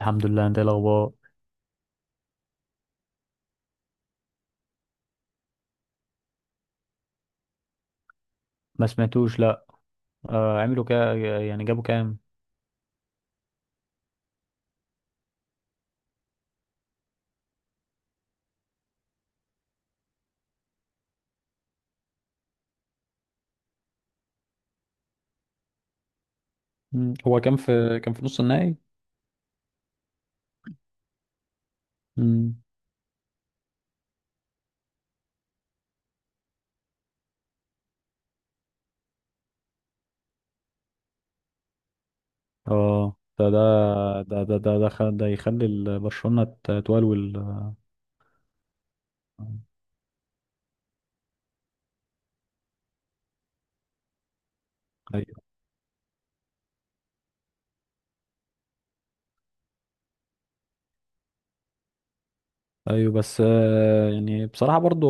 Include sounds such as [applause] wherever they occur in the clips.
الحمد لله، انت ايه الاخبار؟ ما سمعتوش، لا. عملوا يعني جابوا كام؟ مم. هو كان في نص النهائي. مم. اه، ده يخلي برشلونة تولول، ايوه. ايوه، بس يعني بصراحة برضو.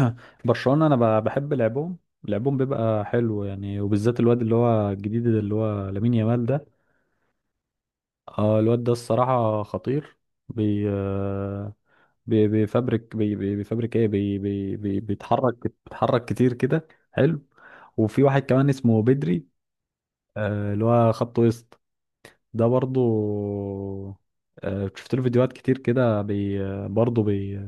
[clears throat] برشلونة انا بحب لعبهم. لعبهم بيبقى حلو يعني، وبالذات الواد اللي هو الجديد ده اللي هو لامين يامال ده. اه، الواد ده الصراحة خطير. بي آه، بيفبرك ايه، بي بي بي بيتحرك كتير كده حلو. وفي واحد كمان اسمه بدري، اللي هو خط وسط. ده برضو، شفت له فيديوهات كتير كده، بي آه، برضو بي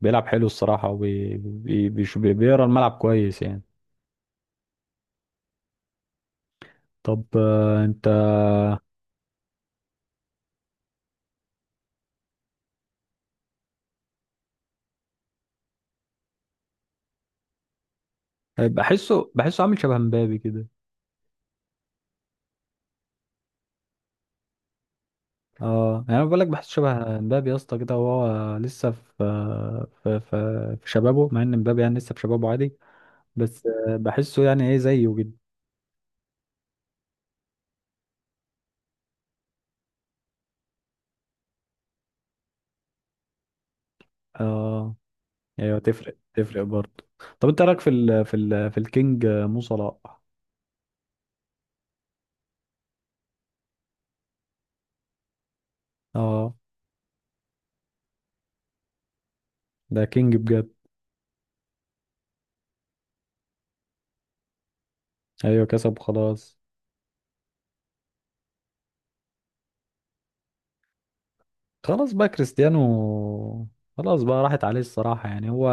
بيلعب حلو الصراحة، وبي بي بيش- بي- بيقرا الملعب كويس يعني. طب انت. بحسه عامل شبه مبابي كده. اه، يعني انا بقول لك بحسه شبه مبابي يا اسطى كده، وهو لسه في شبابه، مع ان مبابي يعني لسه في شبابه عادي. بس بحسه يعني ايه زيه جدا. اه، ايوه، تفرق برضه. طب انت رايك في ال في ال في الكينج مو صلاح؟ اه، ده كينج بجد. ايوه، كسب خلاص. خلاص بقى كريستيانو، خلاص بقى راحت عليه الصراحة يعني. هو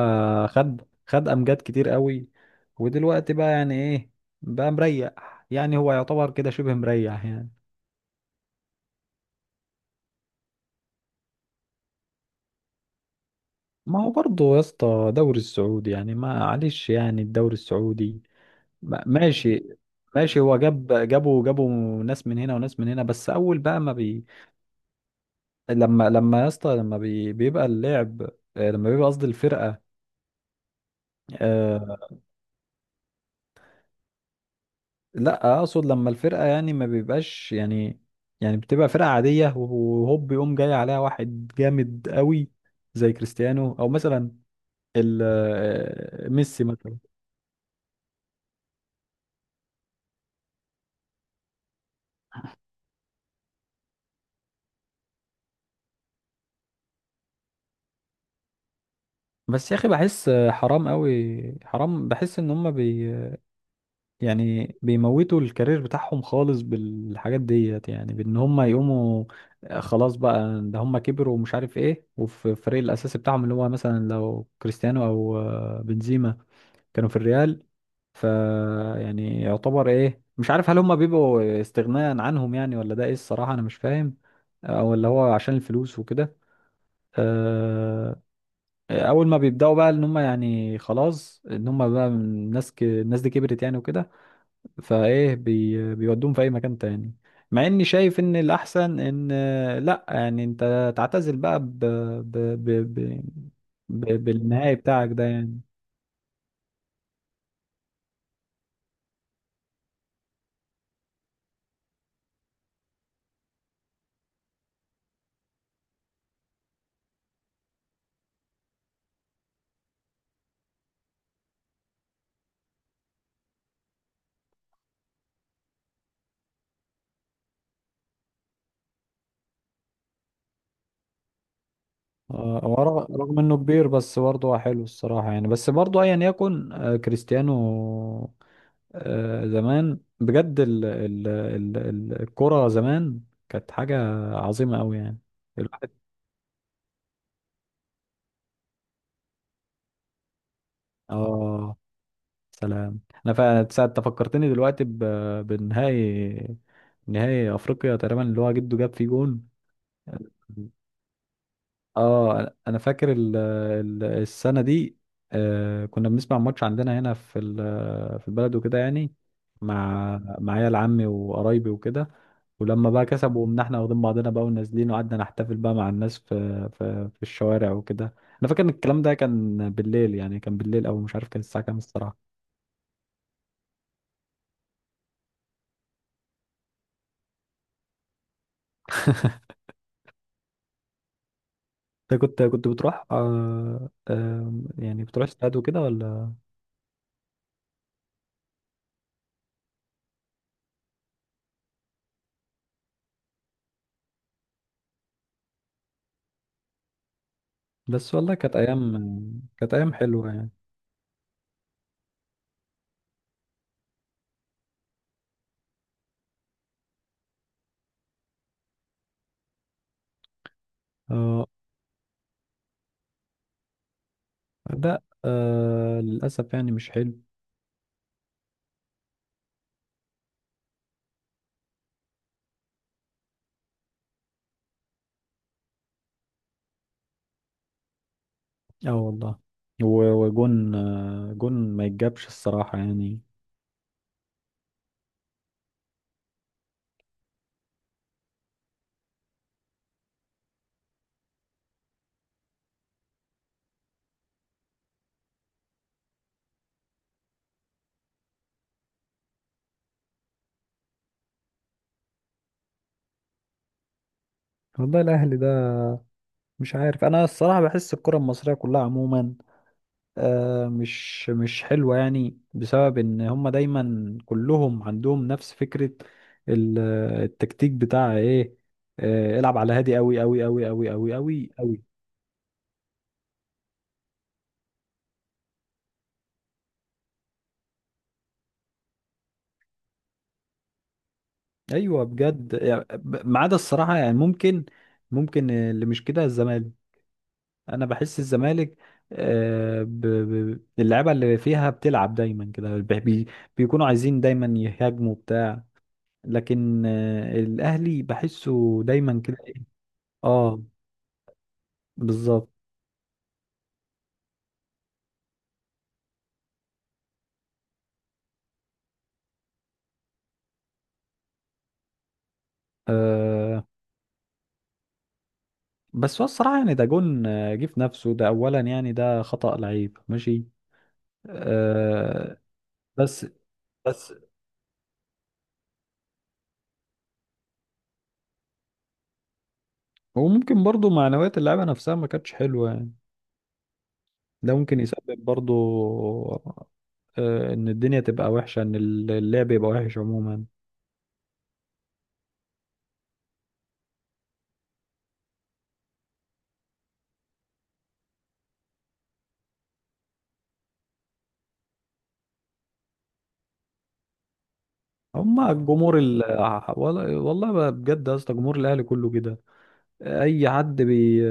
خد خد امجاد كتير قوي، ودلوقتي بقى يعني ايه، بقى مريح يعني، هو يعتبر كده شبه مريح يعني. ما هو برضه يا اسطى دوري السعودي يعني، ما معلش يعني الدوري السعودي. ماشي، ماشي. هو جاب جابوا جابوا ناس من هنا وناس من هنا، بس اول بقى ما بي لما يا اسطى لما بيبقى اللعب، لما بيبقى قصدي الفرقه. آه... لا، اقصد لما الفرقه يعني ما بيبقاش يعني، يعني بتبقى فرقه عاديه، وهوب يقوم جاي عليها واحد جامد قوي زي كريستيانو او مثلا ال... آه، ميسي مثلا. بس يا اخي بحس حرام قوي، حرام، بحس ان هم يعني بيموتوا الكارير بتاعهم خالص بالحاجات ديت، يعني بان هم يقوموا خلاص بقى ده هم كبروا ومش عارف ايه، وفي الفريق الاساسي بتاعهم اللي هو مثلا لو كريستيانو او بنزيما كانوا في الريال. ف يعني يعتبر ايه، مش عارف هل هم بيبقوا استغناء عنهم يعني، ولا ده ايه، الصراحة انا مش فاهم. او اللي هو عشان الفلوس وكده، آه، اول ما بيبداوا بقى ان هم يعني خلاص ان هم بقى الناس الناس دي كبرت يعني وكده، فايه بيودوهم في اي مكان تاني، مع اني شايف ان الاحسن ان لا يعني انت تعتزل بقى ب... ب... بالنهائي بتاعك ده يعني. هو رغم انه كبير بس برضه هو حلو الصراحة يعني، بس برضه ايا يكن كريستيانو. زمان بجد الكرة زمان كانت حاجة عظيمة قوي يعني. الواحد، اه، سلام. انا فعلا ساعة أنت فكرتني دلوقتي بنهائي، نهائي افريقيا تقريبا اللي هو جده جاب فيه جون. اه، أنا فاكر السنة دي. آه، كنا بنسمع ماتش عندنا هنا في في البلد وكده يعني، مع مع عيال عمي وقرايبي وكده. ولما بقى كسبوا، ومن احنا واخدين بعضنا بقى ونازلين، وقعدنا نحتفل بقى مع الناس في الشوارع وكده. انا فاكر ان الكلام ده كان بالليل يعني، كان بالليل، او مش عارف كان الساعة كام الصراحة. انت كنت بتروح يعني بتروح استاد وكده ولا؟ بس والله كانت ايام، كانت ايام حلوه يعني. آه لا، للاسف يعني، مش حلو. اه، والله. وجون، جون ما يتجابش الصراحه يعني. والله الاهلي ده، مش عارف انا الصراحه. بحس الكره المصريه كلها عموما مش حلوة يعني، بسبب ان هم دايما كلهم عندهم نفس فكرة ال- التكتيك بتاع ايه، العب على هادي قوي قوي قوي قوي قوي قوي قوي. ايوه بجد يعني ما عدا الصراحة يعني، ممكن اللي مش كده الزمالك. انا بحس الزمالك اللعيبة اللي فيها بتلعب دايما كده، بيكونوا عايزين دايما يهاجموا بتاع. لكن الاهلي بحسه دايما كده اه، بالظبط. أه، بس هو الصراحة يعني ده جون، جه في نفسه ده أولا يعني، ده خطأ لعيب ماشي. أه بس بس وممكن برضو معنويات اللعيبة نفسها ما كانتش حلوة يعني، ده ممكن يسبب برضو أه إن الدنيا تبقى وحشة، إن اللعب يبقى وحش عموما. هما الجمهور والله بقى بجد يا اسطى جمهور الأهلي كله كده، اي حد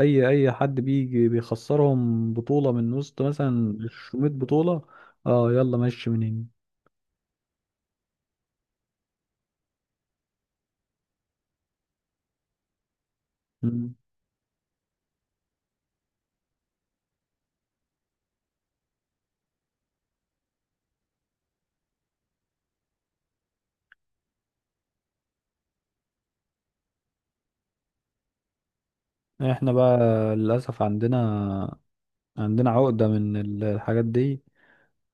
اي حد بيجي بيخسرهم بطولة من وسط مثلا 600 بطولة، اه يلا مشي من هنا. مم. احنا بقى للاسف عندنا، عقدة من الحاجات دي،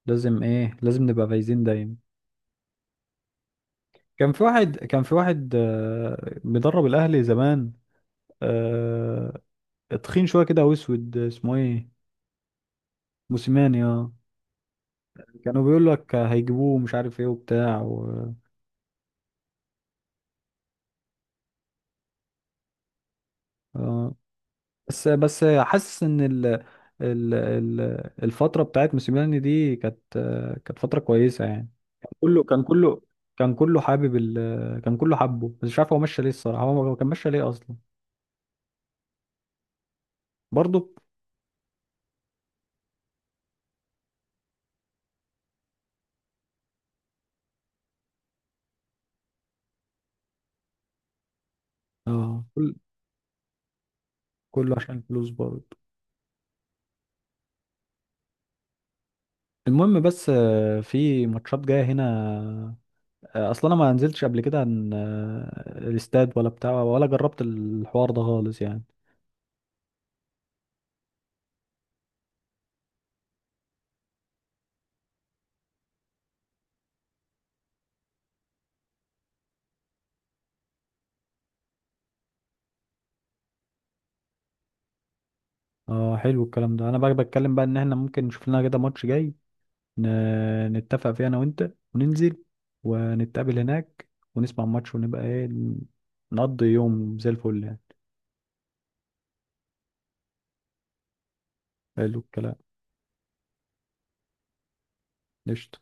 لازم ايه، لازم نبقى فايزين دايما. كان في واحد، بيدرب الاهلي زمان، آه، تخين شوية كده واسود، اسمه ايه؟ موسيماني، اه. كانوا بيقول لك هيجيبوه مش عارف ايه وبتاع آه. بس، بس حاسس ان ال ال ال الفتره بتاعت موسيماني دي كانت فتره كويسه يعني. كله كان كله كله حابب كان كله حبه، بس مش عارف هو مشى ليه الصراحه، هو ما كان مشى ليه اصلا. برضه، اه، كله عشان الفلوس برضه. المهم، بس في ماتشات جايه هنا، اصلا انا ما نزلتش قبل كده عن الاستاد ولا بتاع، ولا جربت الحوار ده خالص يعني. اه، حلو الكلام ده. انا بقى بتكلم بقى ان احنا ممكن نشوف لنا كده ماتش جاي، نتفق فيها انا وانت وننزل، ونتقابل هناك ونسمع الماتش، ونبقى ايه، نقضي يوم زي الفل يعني. حلو الكلام. قشطة.